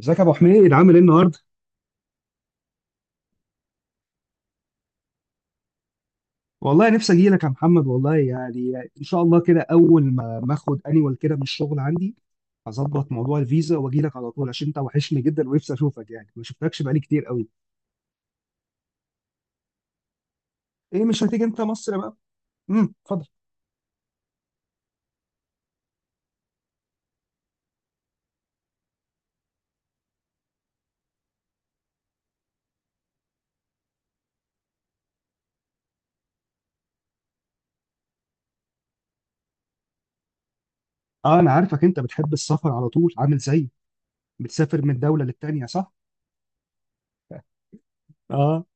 ازيك يا ابو حميد عامل ايه النهارده؟ والله نفسي اجي لك يا محمد، والله يعني ان شاء الله كده اول ما اخد انيوال كده من الشغل عندي. هظبط موضوع الفيزا واجي لك على طول عشان انت وحشني جدا ونفسي اشوفك، يعني ما شفتكش بقالي كتير قوي. ايه مش هتيجي انت مصر بقى؟ اتفضل. اه انا عارفك انت بتحب السفر على طول عامل زيي، بتسافر من دوله للتانيه صح؟ اه.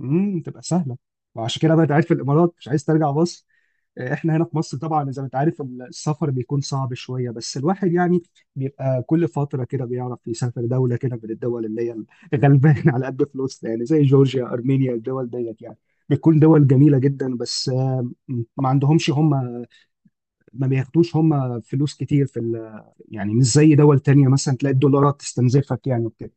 تبقى سهله. وعشان كده بقى انت قاعد في الامارات مش عايز ترجع مصر. احنا هنا في مصر طبعا زي ما انت عارف السفر بيكون صعب شويه، بس الواحد يعني بيبقى كل فتره كده بيعرف يسافر دوله كده من الدول اللي هي غلبان على قد فلوسنا، يعني زي جورجيا ارمينيا، الدول ديت يعني بتكون دول جميله جدا، بس ما عندهمش هم. ما بياخدوش هم فلوس كتير في يعني مش زي دول تانية مثلا تلاقي الدولارات تستنزفك يعني وكده.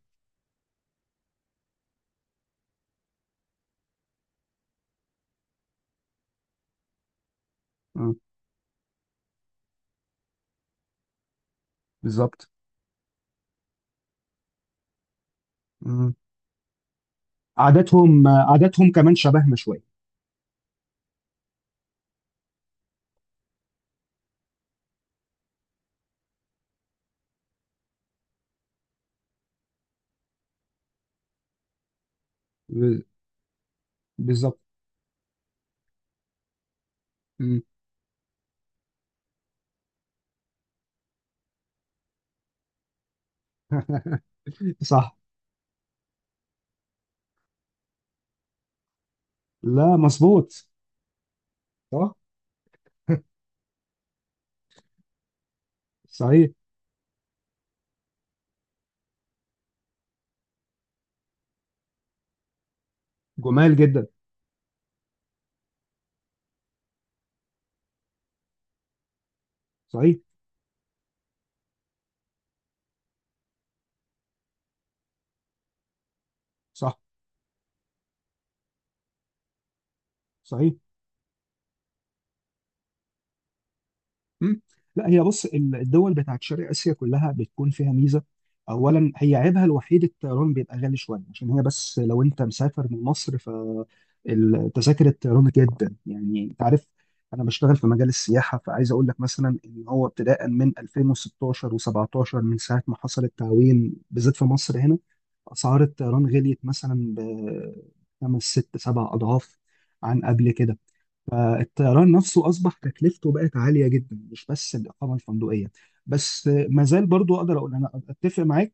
مم، بالظبط. مم. عاداتهم عاداتهم كمان شبهنا شويه. ب- بالظبط. مم. صح. لا مظبوط. صح. صحيح. جمال جدا. صحيح. صح. صحيح. مم. لا هي بص، الدول بتاعت شرق اسيا كلها بتكون فيها ميزه. اولا هي عيبها الوحيد الطيران بيبقى غالي شويه عشان هي، بس لو انت مسافر من مصر ف تذاكر الطيران جدا، يعني انت عارف، انا بشتغل في مجال السياحه، فعايز اقول لك مثلا ان هو ابتداء من 2016 و17 من ساعه ما حصل التعويم بالذات في مصر هنا اسعار الطيران غليت مثلا بخمس ست سبع اضعاف عن قبل كده. فالطيران نفسه اصبح تكلفته بقت عاليه جدا مش بس الاقامه الفندقيه، بس ما زال برضو اقدر اقول انا اتفق معاك.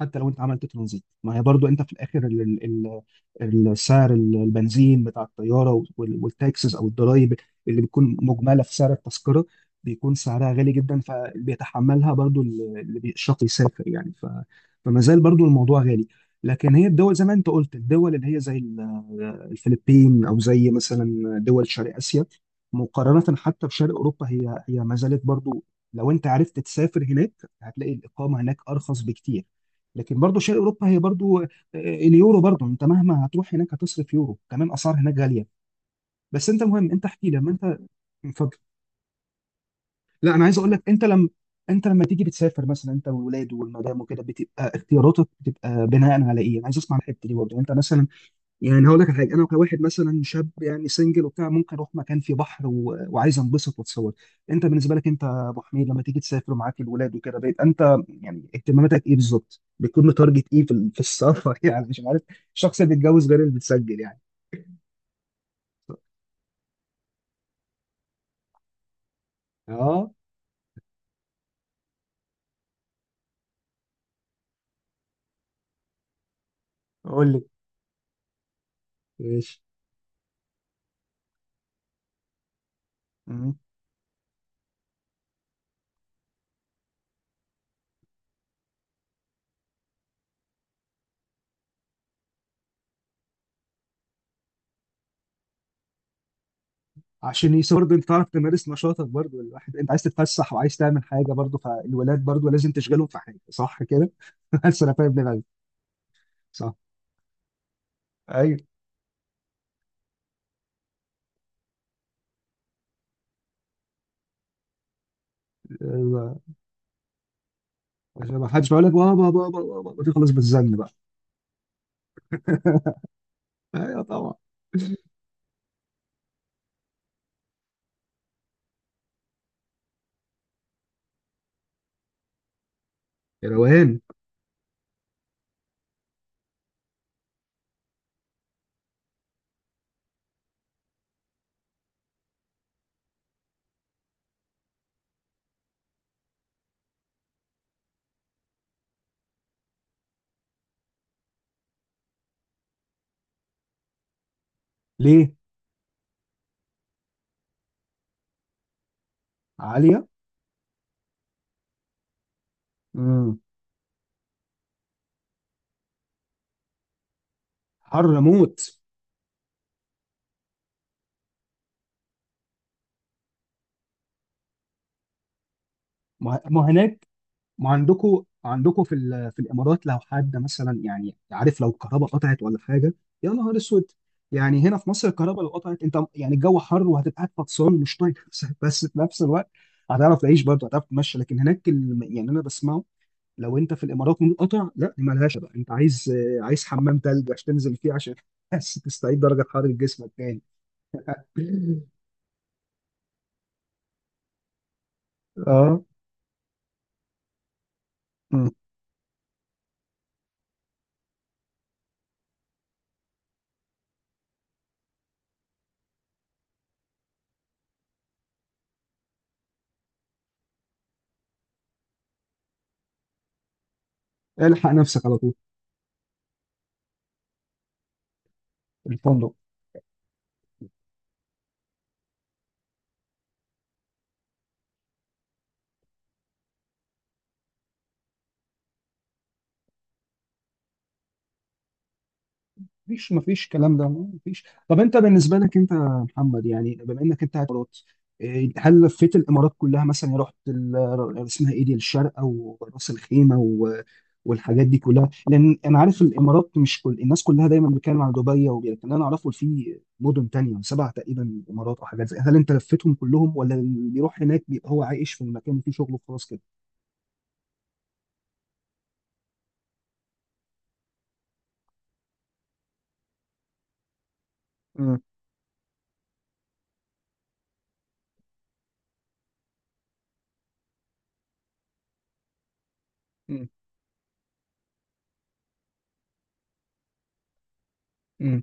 حتى لو انت عملت ترانزيت ما هي برضو انت في الاخر السعر البنزين بتاع الطياره والتاكسز او الضرايب اللي بتكون مجمله في سعر التذكره بيكون سعرها غالي جدا، فاللي بيتحملها برضو اللي بيشرط يسافر يعني فما زال برضو الموضوع غالي. لكن هي الدول زي ما انت قلت، الدول اللي هي زي الفلبين او زي مثلا دول شرق اسيا، مقارنه حتى بشرق اوروبا، هي هي ما زالت برضو لو انت عرفت تسافر هناك هتلاقي الاقامه هناك ارخص بكتير. لكن برضو شرق اوروبا هي برضو اليورو برضه، انت مهما هتروح هناك هتصرف يورو، كمان اسعار هناك غاليه. بس انت المهم، انت احكي لما انت. اتفضل. لا انا عايز اقول لك، انت لما تيجي بتسافر مثلا انت والولاد والمدام وكده، بتبقى اختياراتك بتبقى بناء على ايه؟ انا عايز اسمع الحته دي برضه انت مثلا، يعني هقول لك على حاجه، انا كواحد مثلا شاب يعني سنجل وبتاع ممكن اروح مكان فيه بحر وعايز انبسط واتصور. انت بالنسبه لك انت يا ابو حميد لما تيجي تسافر ومعاك الولاد وكده بقيت انت، يعني اهتماماتك ايه بالظبط بتكون متارجت ايه في في السفر؟ يعني مش عارف، الشخص اللي بيتجوز غير اللي بتسجل يعني. اه قول لي. ماشي. مم. عشان برضه انت تعرف تمارس نشاطك، برضه الواحد انت عايز تتفسح وعايز تعمل حاجه، برضه فالولاد برضه لازم تشغلهم في حاجه، صح كده. بس انا فاهم دماغك. صح. ايوه عشان ما حدش يقول لك بابا بابا بابا تخلص بالزن بقى. ايوه طبعا. روقان. ليه. عاليه. امم. حر موت. ما هناك، ما عندكم في في الامارات لو حد مثلا يعني عارف لو الكهرباء قطعت ولا حاجه يا نهار اسود. يعني هنا في مصر الكهرباء لو قطعت انت يعني الجو حر وهتبقى قاعد فطسان مش طايق نفسك، بس في نفس الوقت هتعرف تعيش برضه، هتعرف تمشي، لكن هناك يعني انا بسمعه، لو انت في الامارات منقطع لا دي مالهاش بقى. انت عايز حمام تلج عشان تنزل فيه عشان بس تستعيد درجه حراره جسمك تاني. اه. مم. الحق نفسك على طول. الفندق. مفيش كلام ده، مفيش. طب انت بالنسبه لك انت يا محمد، يعني بما انك انت قاعد في الامارات، إيه، هل لفيت الامارات كلها مثلا؟ يعني رحت اسمها ايه دي الشارقه وراس الخيمه والحاجات دي كلها، لان انا عارف الامارات مش كل الناس كلها دايما بتتكلم عن دبي لكن انا اعرفه في مدن تانية سبع تقريبا امارات او حاجات زي، هل انت لفيتهم كلهم ولا اللي بيروح هناك بيبقى هو عايش في المكان وفيه شغله وخلاص كده؟ مم. مم. مم.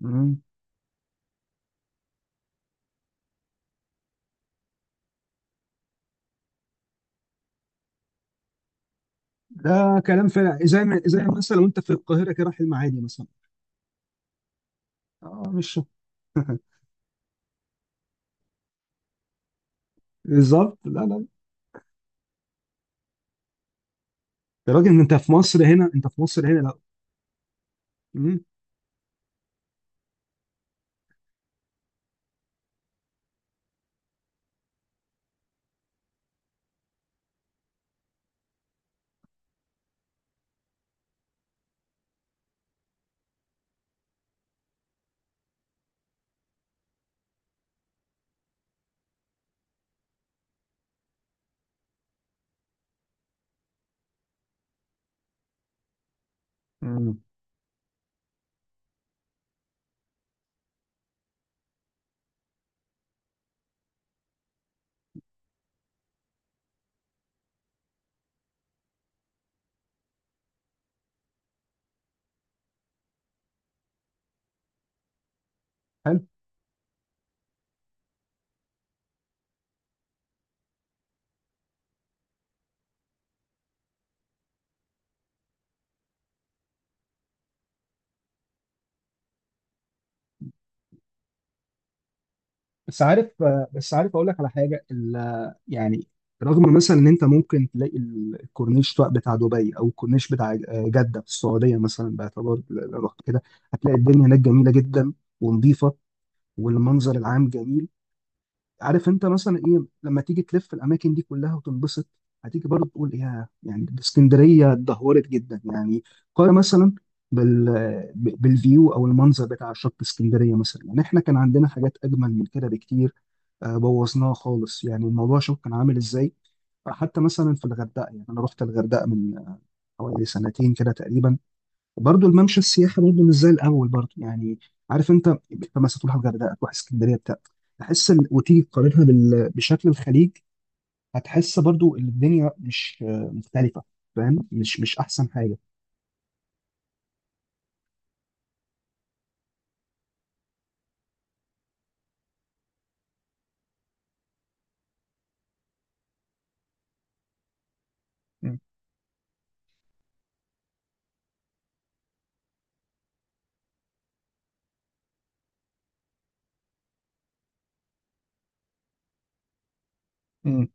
مم. ده كلام فعلا، زي ما زي مثلا وانت في القاهره كده رايح المعادي مثلا. اه مش بالظبط، لا لا. يا راجل انت في مصر هنا، انت في مصر هنا، لا. امم امم حلو. بس عارف اقول لك على حاجه يعني رغم مثلا ان انت ممكن تلاقي الكورنيش بقى بتاع دبي او الكورنيش بتاع جده في السعوديه مثلا، باعتبار لو رحت كده هتلاقي الدنيا هناك جميله جدا ونظيفه والمنظر العام جميل. عارف انت مثلا ايه لما تيجي تلف الاماكن دي كلها وتنبسط هتيجي برضه تقول ايه، يعني ده اسكندريه اتدهورت جدا يعني. قارن مثلا بال بالفيو او المنظر بتاع شط اسكندريه مثلا، يعني احنا كان عندنا حاجات اجمل من كده بكتير. بوظناها خالص، يعني الموضوع شوف كان عامل ازاي. حتى مثلا في الغردقه، يعني انا رحت الغردقه من حوالي سنتين كده تقريبا، برضه الممشى السياحي برضه مش زي الاول برضه يعني. عارف انت، مثلا تروح الغردقه تروح اسكندريه بتاع، تحس وتيجي تقارنها بشكل الخليج، هتحس برضه ان الدنيا مش مختلفه. فاهم، مش احسن حاجه. مم. مم.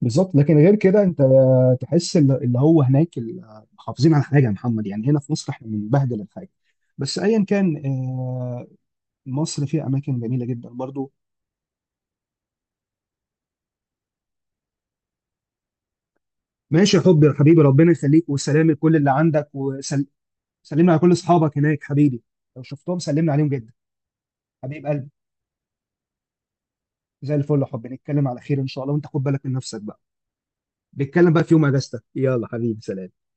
بالظبط. لكن غير كده انت تحس اللي هو هناك محافظين على حاجه يا محمد، يعني هنا في مصر احنا بنبهدل الحاجه، بس ايا كان مصر فيها اماكن جميله جدا برضه. ماشي يا حبي يا حبيبي، ربنا يخليك، وسلام لكل اللي عندك وسلام. سلمنا على كل اصحابك هناك حبيبي، لو شفتهم سلمنا عليهم جدا. حبيب قلبي زي الفل يا حبيبي، نتكلم على خير ان شاء الله، وانت خد بالك من نفسك بقى. نتكلم بقى في يوم اجازتك، يلا حبيبي، سلام.